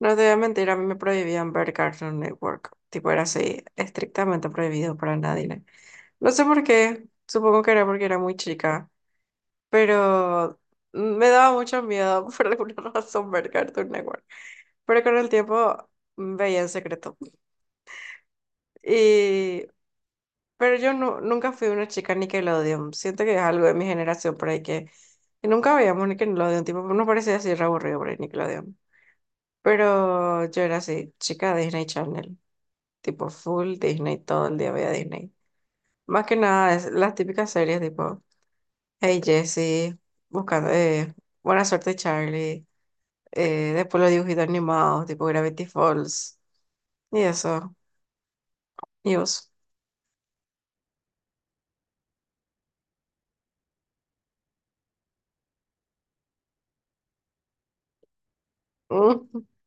No te voy a mentir, a mí me prohibían ver Cartoon Network. Tipo, era así, estrictamente prohibido para nadie. No sé por qué, supongo que era porque era muy chica, pero me daba mucho miedo por alguna razón ver Cartoon Network. Pero con el tiempo veía en secreto. Y... Pero yo nunca fui una chica Nickelodeon. Siento que es algo de mi generación por ahí que nunca veíamos Nickelodeon. Tipo, nos parecía así re aburrido por ahí Nickelodeon. Pero yo era así, chica Disney Channel. Tipo full Disney, todo el día veía Disney. Más que nada, es las típicas series tipo Hey Jessie, buscando, Buena Suerte Charlie, después los dibujitos animados, tipo Gravity Falls, y eso, y vos.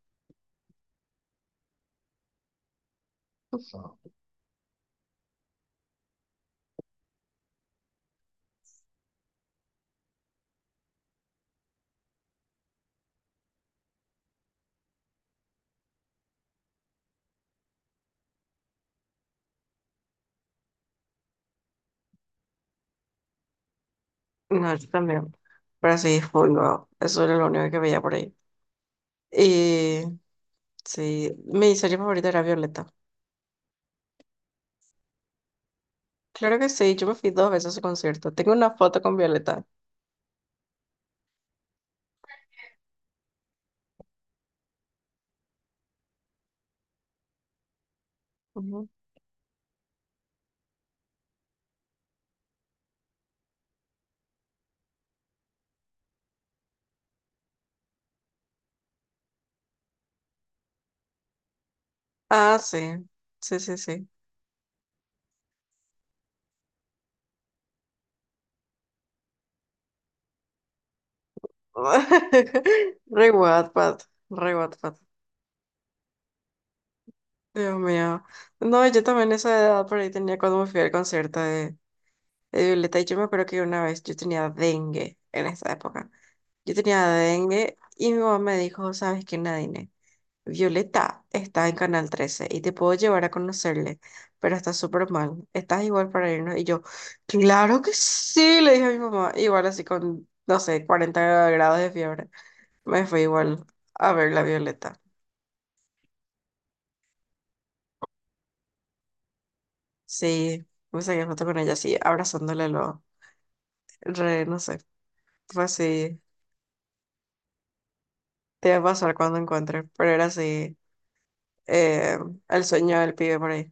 Mm, no, yo también. Pero sí, full, wow. Eso era lo único que veía por ahí. Y sí, mi serie favorita era Violeta. Claro que sí, yo me fui dos veces a su concierto. Tengo una foto con Violeta. Ujú. Ah, sí, sí, sí, sí. Re Wattpad, re Wattpad. Dios mío. No, yo también esa edad por ahí tenía cuando me fui al concierto de Violeta y yo me acuerdo que una vez yo tenía dengue en esa época. Yo tenía dengue y mi mamá me dijo, ¿sabes qué, Nadine? Violeta está en Canal Trece y te puedo llevar a conocerle, pero está súper mal. ¿Estás igual para irnos? Y yo, claro que sí, le dije a mi mamá. Igual así con, no sé, 40 grados de fiebre. Me fui igual a ver la Violeta. Sí, puse que foto con ella así, abrazándole lo, re, no sé, fue así, te va a pasar cuando encuentre, pero era así, eh, el sueño del pibe por ahí.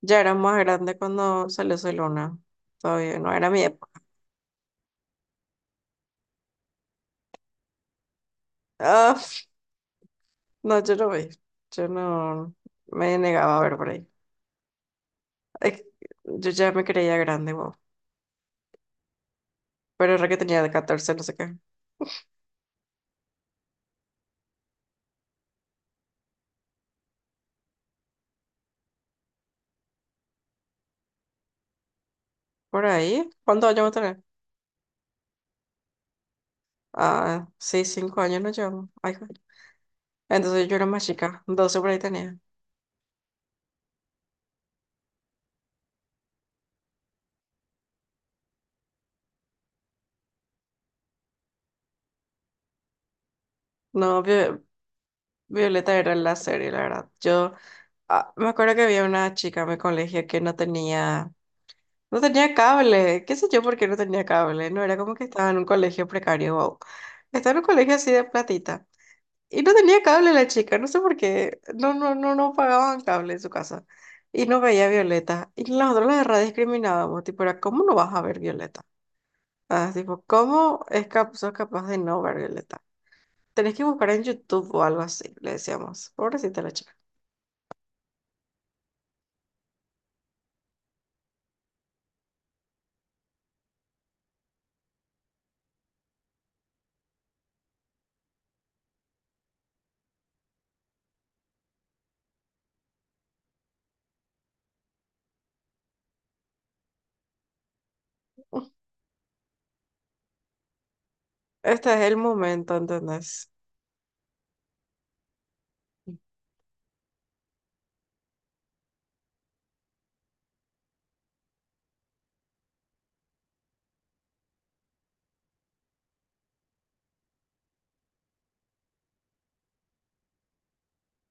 Ya era más grande cuando salió su luna, todavía no era mi época. Ah, no, yo no vi, yo no, me negaba a ver por ahí. Es que yo ya me creía grande, wow, pero era que tenía de 14, no sé qué. Por ahí, ¿cuántos años va a tener? Ah, sí, 5 años no llevamos, ay, joder. Entonces yo era más chica, 12 por ahí tenía. No, vi, Violeta era la serie, la verdad. Yo ah, me acuerdo que había una chica en mi colegio que no tenía, no tenía cable. ¿Qué sé yo por qué no tenía cable? No era como que estaba en un colegio precario. Wow. Estaba en un colegio así de platita. Y no tenía cable la chica, no sé por qué. No, no, no, no pagaban cable en su casa. Y no veía a Violeta. Y nosotros la verdad discriminábamos. Tipo, era, ¿cómo no vas a ver Violeta? Ah, tipo, ¿cómo sos capaz de no ver Violeta? Tenés que buscar en YouTube o algo así, le decíamos. Pobrecita la chica. Este es el momento, ¿entendés?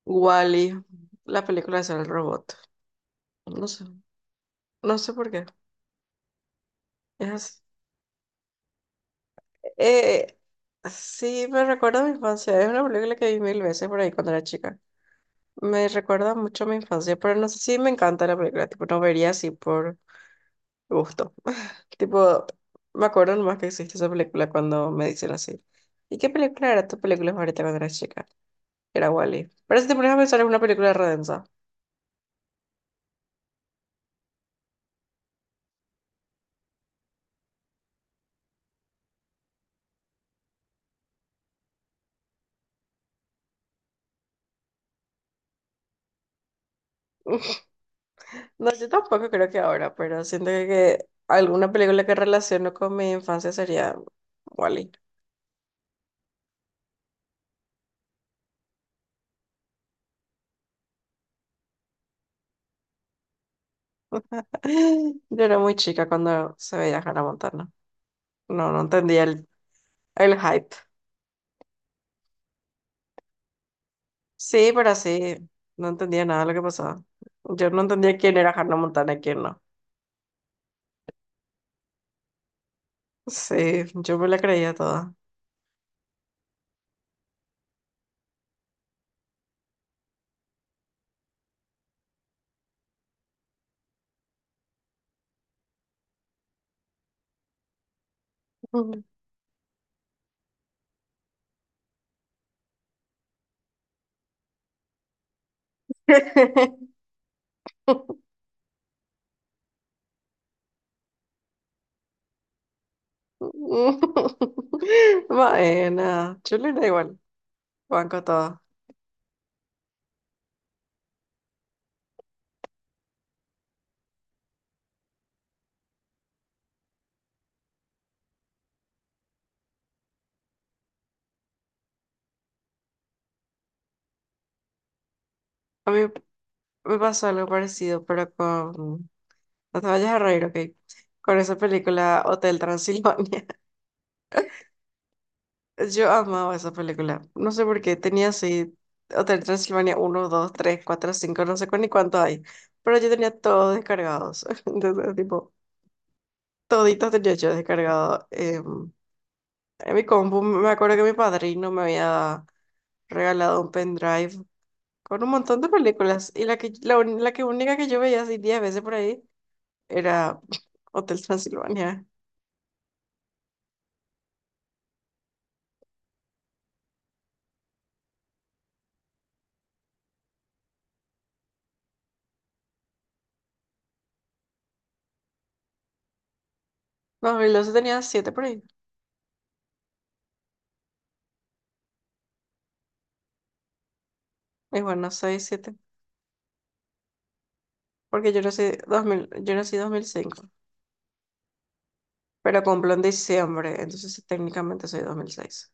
Wally, la película es el robot. No sé, no sé por qué. Es así. Eh, sí, me recuerda a mi infancia. Es una película que vi mil veces por ahí cuando era chica. Me recuerda mucho a mi infancia, pero no sé si me encanta la película. Tipo, no vería así por gusto. Tipo, me acuerdo nomás que existe esa película cuando me dicen así. ¿Y qué película era tu película favorita cuando eras chica? Era Wally. Pero si te pones a pensar, es una película redensa. No, yo tampoco creo que ahora, pero siento que alguna película que relaciono con mi infancia sería Wally. Yo era muy chica cuando se veía Hannah Montana. No, no entendía el hype. Sí, pero sí, no entendía nada de lo que pasaba. Yo no entendía quién era Hannah Montana y quién no. Sí, yo me la creía toda. Bueno, chulo era igual, banco todo. A mí me pasó algo parecido, pero con, no te vayas a reír, ok. Con esa película Hotel Transilvania. Yo amaba esa película. No sé por qué. Tenía así Hotel Transilvania uno 2 3 4 5 no sé ni cuánto hay. Pero yo tenía todos descargados. Entonces, tipo, toditos tenía yo descargado. En mi compu me acuerdo que mi padrino me había regalado un pendrive con un montón de películas. Y la que única que yo veía así 10 veces por ahí era Hotel Transilvania. No, y luego tenía 7 por ahí. Igual no soy 7, porque yo nací 2005, pero cumplo en diciembre, entonces sí, técnicamente soy 2006.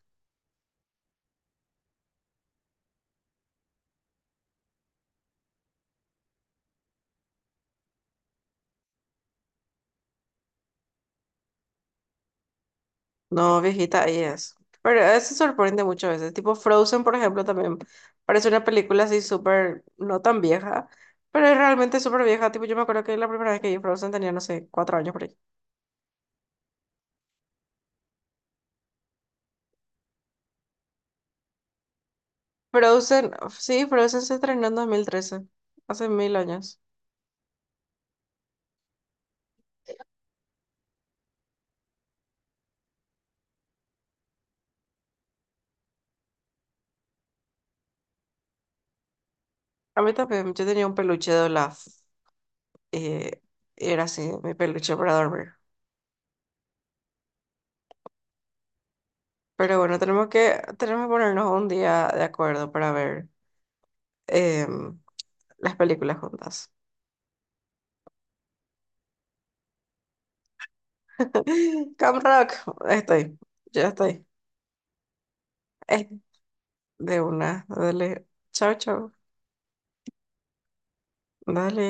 No, viejita, ahí es. Pero eso sorprende muchas veces. Tipo Frozen, por ejemplo, también parece una película así súper, no tan vieja, pero es realmente súper vieja. Tipo, yo me acuerdo que la primera vez que vi Frozen tenía, no sé, 4 años por ahí. Frozen, sí, Frozen se estrenó en 2013, hace mil años. A mí también, yo tenía un peluche de Olaf. eh, Era así, mi peluche para dormir. Pero bueno, tenemos que ponernos un día de acuerdo para ver em, las películas juntas. Cam Rock, estoy, ya estoy. Eh, de una, dale. Chao, chao. Dale.